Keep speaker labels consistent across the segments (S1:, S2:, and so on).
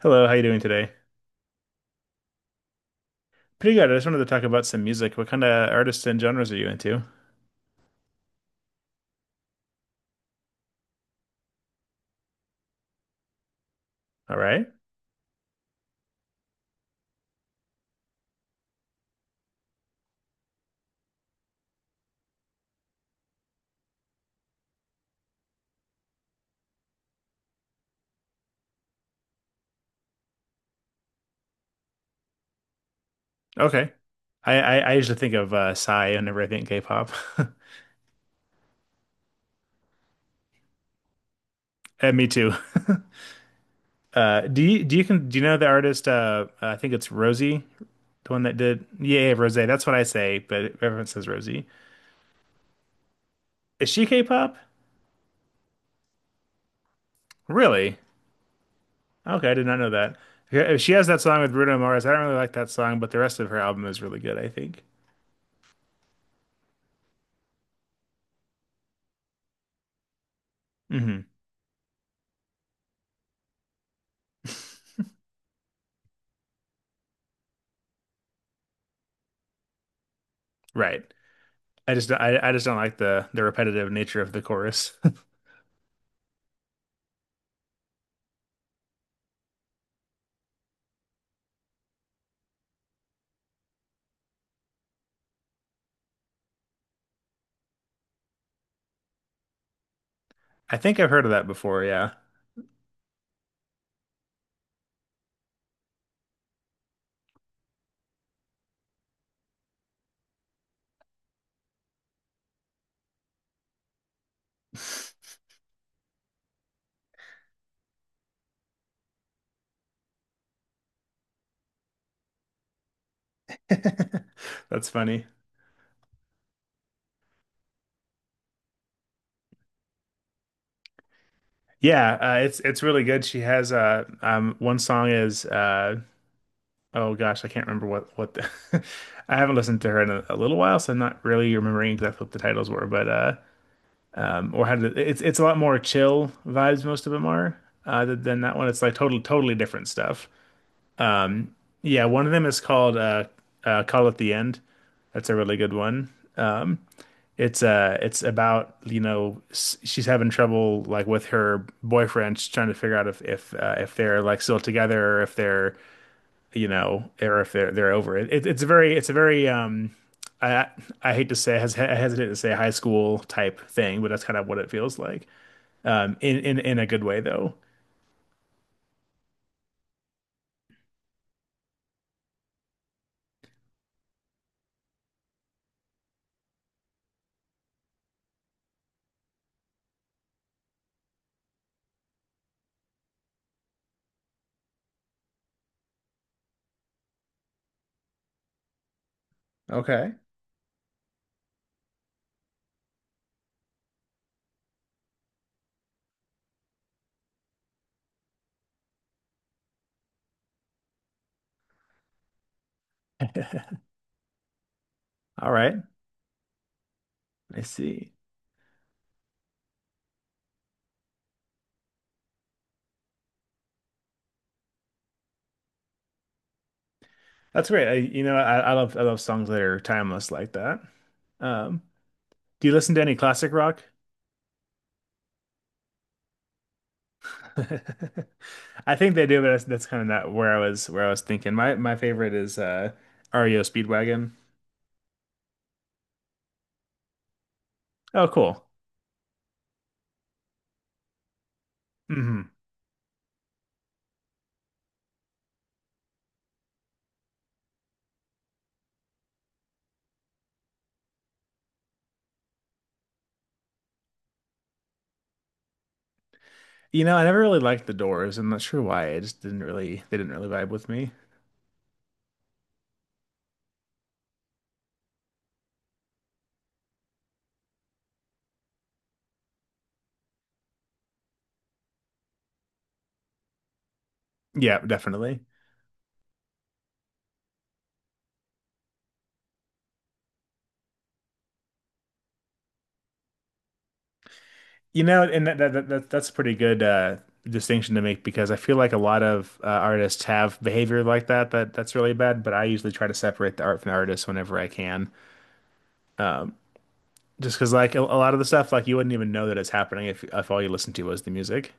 S1: Hello, how you doing today? Pretty good. I just wanted to talk about some music. What kind of artists and genres are you into? All right. Okay. I usually think of Psy whenever I think K-pop. And me too. Do you know the artist? I think it's Rosie, the one that did, yeah, Rosé. That's what I say, but everyone says Rosie. Is she K-pop? Really? Okay, I did not know that. Yeah, she has that song with Bruno Mars. I don't really like that song, but the rest of her album is really good, I think. hmm Right. I just don't like the repetitive nature of the chorus. I think I've heard of that before, yeah. That's funny. Yeah, it's really good. She has one song is oh gosh, I can't remember what the I haven't listened to her in a little while, so I'm not really remembering exactly what the titles were, but or how did it's a lot more chill vibes, most of them are, than that one. It's like totally different stuff. Yeah, one of them is called Call at the End. That's a really good one. Um, It's it's about, you know, she's having trouble like with her boyfriend. She's trying to figure out if if they're like still together or if they're, you know, or if they're over it. It's a very um, I I hate to say I hes- I hesitate to say high school type thing, but that's kind of what it feels like. Um, in a good way though. Okay. All right. I see. That's great. I love songs that are timeless like that. Um, do you listen to any classic rock? I think they do, but that's kind of not where I was where I was thinking. My favorite is REO Speedwagon. Oh, cool. hmm You know, I never really liked the Doors. I'm not sure why. I just didn't really they didn't really vibe with me. Yeah, definitely. You know, and that, that, that that- that's a pretty good distinction to make because I feel like a lot of artists have behavior like that that's really bad, but I usually try to separate the art from the artist whenever I can. Um, just because like a lot of the stuff, like you wouldn't even know that it's happening if all you listened to was the music.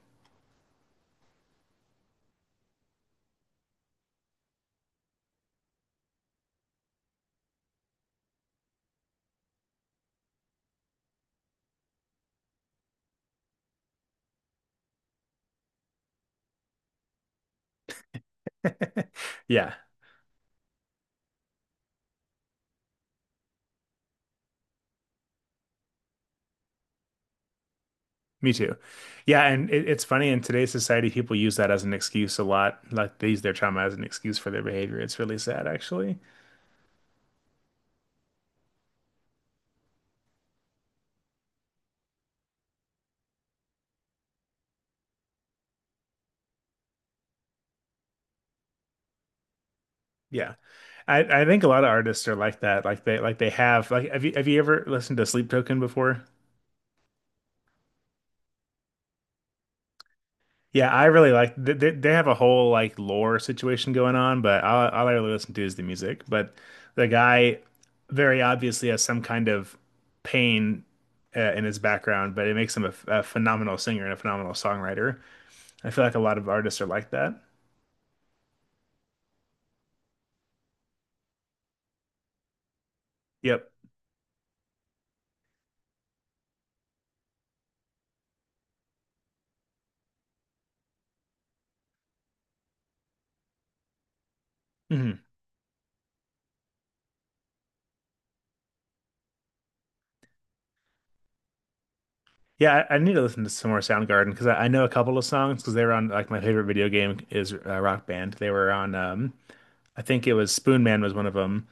S1: Yeah, me too. Yeah, and it's funny in today's society, people use that as an excuse a lot. Like they use their trauma as an excuse for their behavior. It's really sad, actually. Yeah. I think a lot of artists are like that. Like they have like have you ever listened to Sleep Token before? Yeah, I really like, they have a whole like lore situation going on, but all I really listen to is the music. But the guy very obviously has some kind of pain, in his background, but it makes him a, a phenomenal singer and a phenomenal songwriter. I feel like a lot of artists are like that. Yep. hmm Yeah, I need to listen to some more Soundgarden because I know a couple of songs because they were on, like, my favorite video game is Rock Band. They were on um, I think it was Spoon Man was one of them.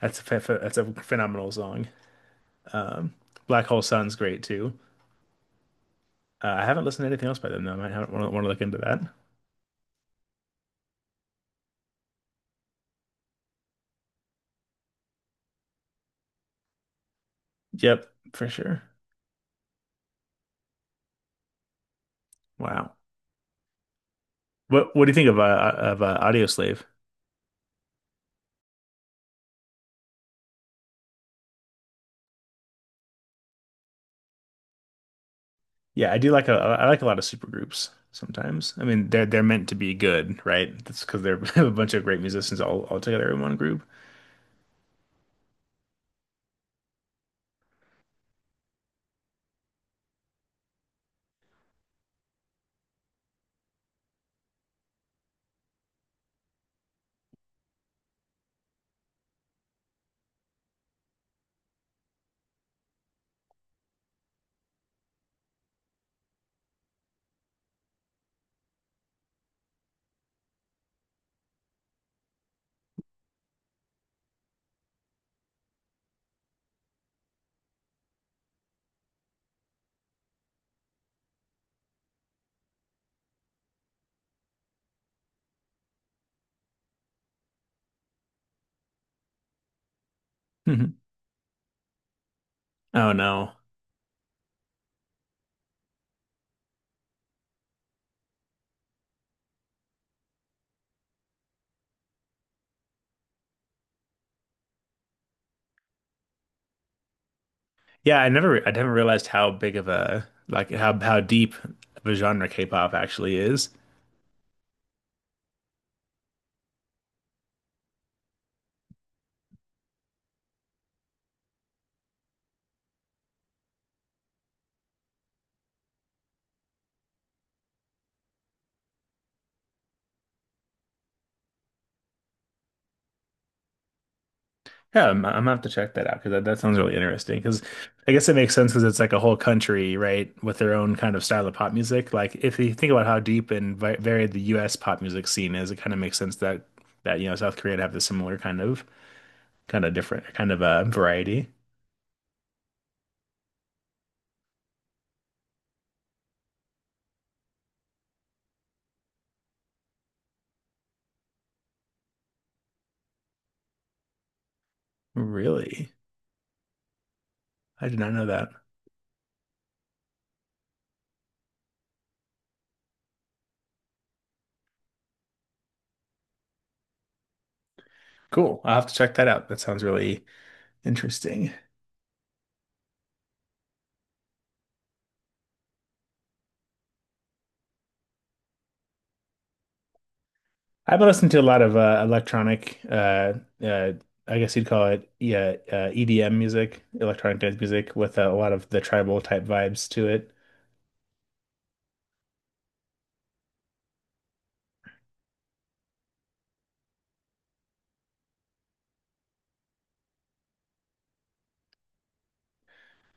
S1: That's a phenomenal song. Black Hole Sun's great too. I haven't listened to anything else by them though. I might want to look into that. Yep, for sure. Wow. What do you think of Audio Slave? Yeah, I do like a I like a lot of supergroups sometimes. I mean, they're meant to be good, right? That's because they're a bunch of great musicians all together in one group. Mhm. Oh no. Yeah, I never realized how big of a, like, how deep of a genre K-pop actually is. Yeah, I'm gonna have to check that out because that sounds really interesting. Because I guess it makes sense because it's like a whole country, right, with their own kind of style of pop music. Like if you think about how deep and vi varied the U.S. pop music scene is, it kind of makes sense that you know South Korea would have the similar kind of different kind of variety. Really, I did not know that. Cool. I'll have to check that out. That sounds really interesting. I've been listening to a lot of electronic, uh, I guess you'd call it, yeah, EDM music, electronic dance music, with a lot of the tribal type vibes to it.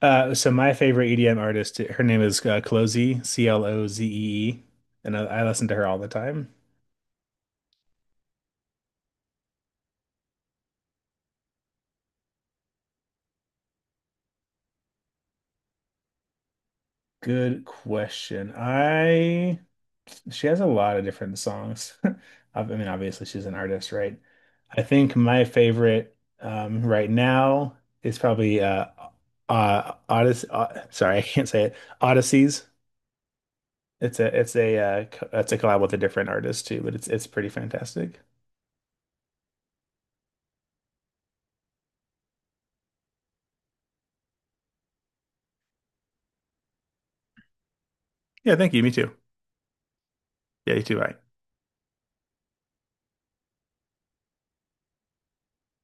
S1: So my favorite EDM artist, her name is Clozie, CloZee, and I listen to her all the time. Good question. I She has a lot of different songs. I mean, obviously she's an artist, right? I think my favorite right now is probably Odyssey, sorry, I can't say it. Odysseys. It's a it's a collab with a different artist too, but it's pretty fantastic. Yeah, thank you. Me too. Yeah, you too. Bye.